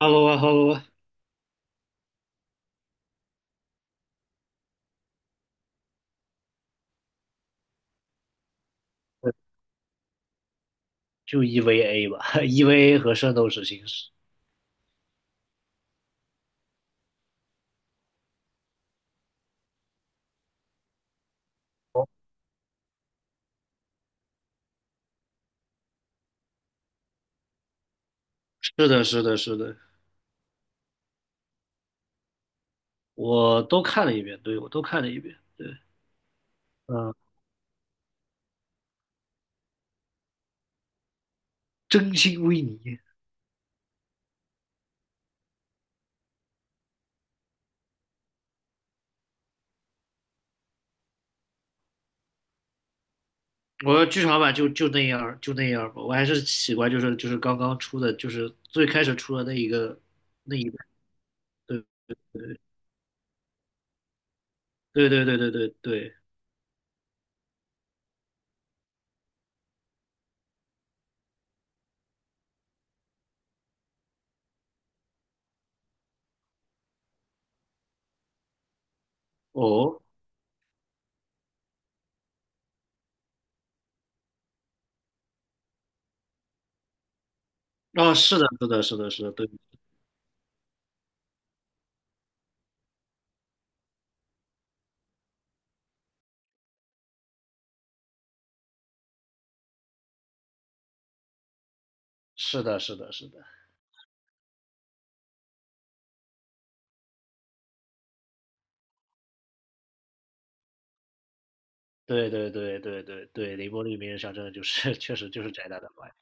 h e l 啊，Hello 啊，呃就 EVA 吧 ，EVA 和《圣斗士星矢》。哦，是的，是的，是的，我都看了一遍，对，我都看了一遍，对，嗯，真心为你。我的剧场版就那样儿就那样儿吧，我还是喜欢就是刚刚出的，就是最开始出的那一个，对，对对对对对对，哦，啊，是的，是的，是的，是的，对，是的，是的，是的，对对对对对对，《凌波利名人像真的就是 确实就是宅男的坏。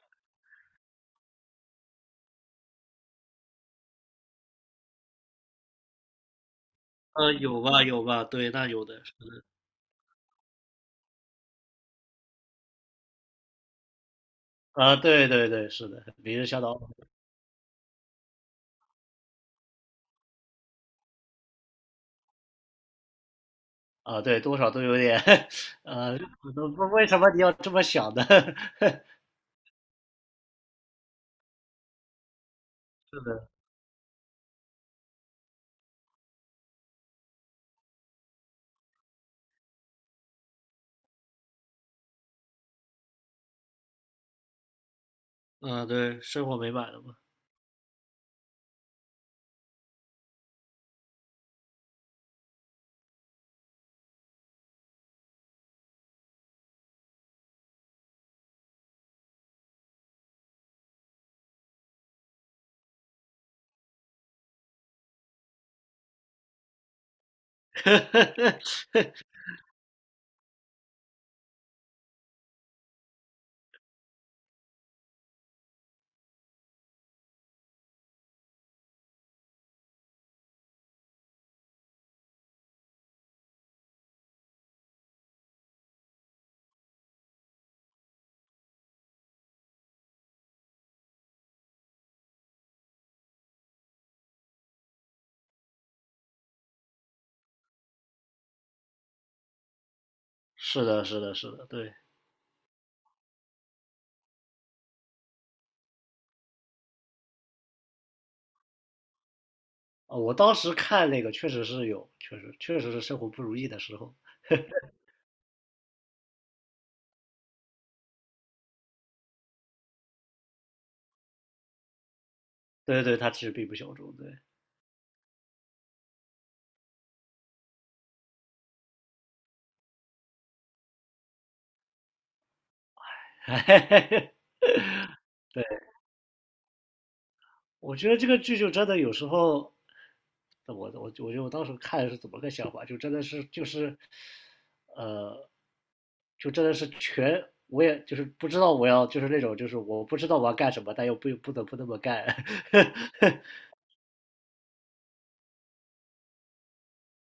有吧，有吧，对，那有的是的啊，对对对，是的，明日小岛啊，对，多少都有点，呃，不为什么你要这么想呢？是的，啊，对，生活美满了嘛，是的，是的，是的，对，啊，我当时看那个确实是有，确实是生活不如意的时候，对对，他其实并不小众，对，对，我觉得这个剧就真的有时候。那我觉得我当时看是怎么个想法，就真的是就是，呃，就真的是全，我也就是不知道我要就是那种就是我不知道我要干什么，但又不得不那么干。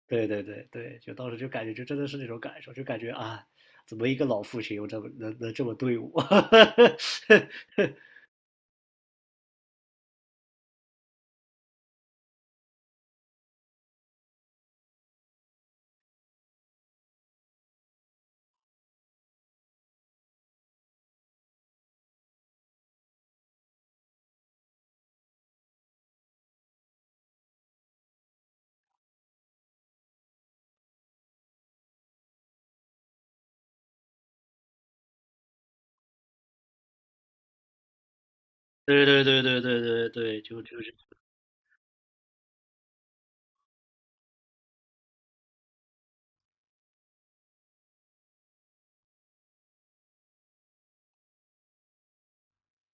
对对对对，就当时就感觉就真的是那种感受，就感觉啊，怎么一个老父亲又这么能这么对我？对对对对对对对，就是。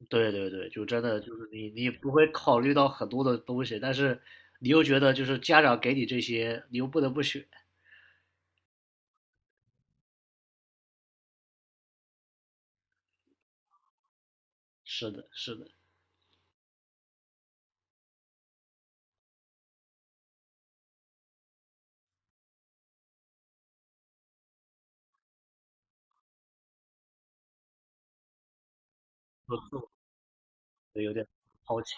对对对，就真的就是你不会考虑到很多的东西，但是你又觉得就是家长给你这些，你又不得不选。是的，是的，嗯，有点好奇。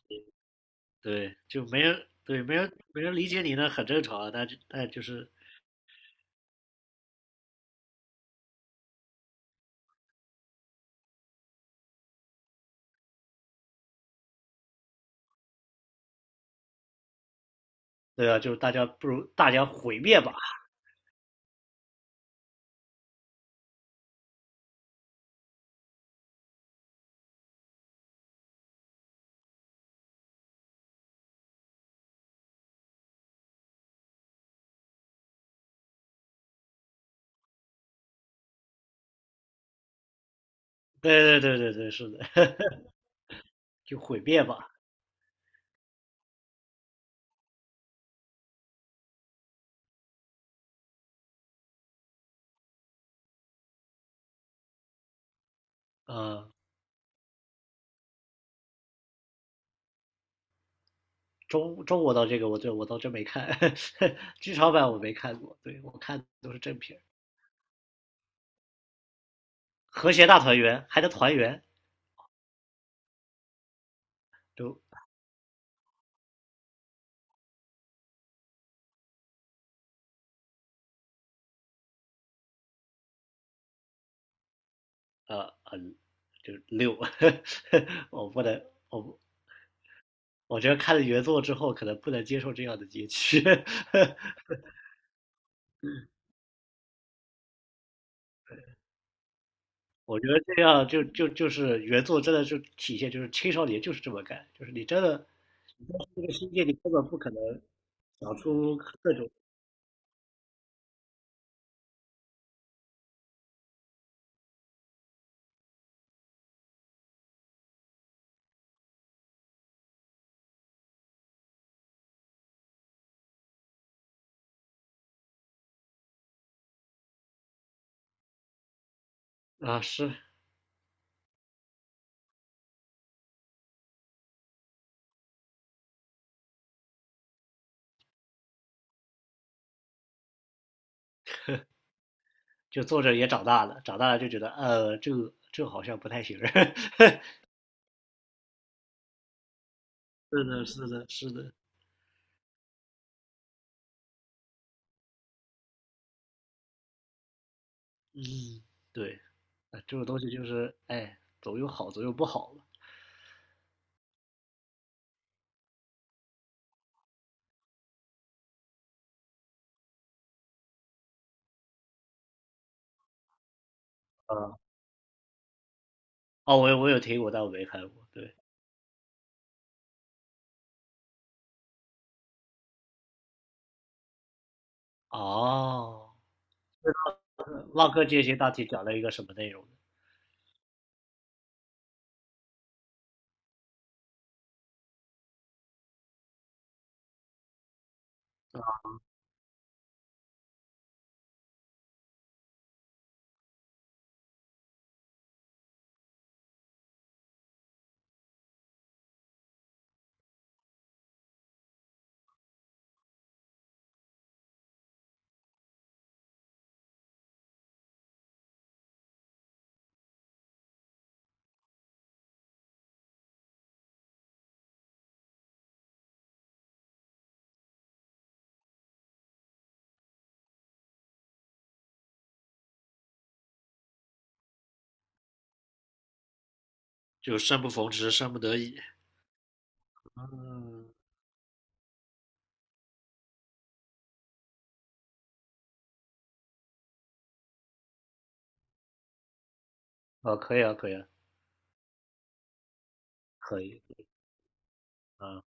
对，就没人对没人理解你呢，很正常啊。但是但就是对啊，就是大家不如大家毁灭吧。对对对对对，是的，就毁灭吧。呃，中国的这个我这我倒真没看，剧场版我没看过，对我看的都是正片儿和谐大团圆》还能团圆，都很就六，我不能，我我觉得看了原作之后，可能不能接受这样的结局。我觉得这样就是原作真的就体现就是青少年就是这么干，就是你真的，你在这个世界里根本不可能想出各种啊是，就作者也长大了，长大了就觉得这个好像不太行。是的，是的，是的，嗯，对，啊这种东西就是哎，总有好，总有不好了，啊，哦，我有听过，但我没看过。对，哦，浪客剑心大体讲了一个什么内容呢就生不逢时，生不得已。嗯，哦，可以啊，可以啊，可以，嗯，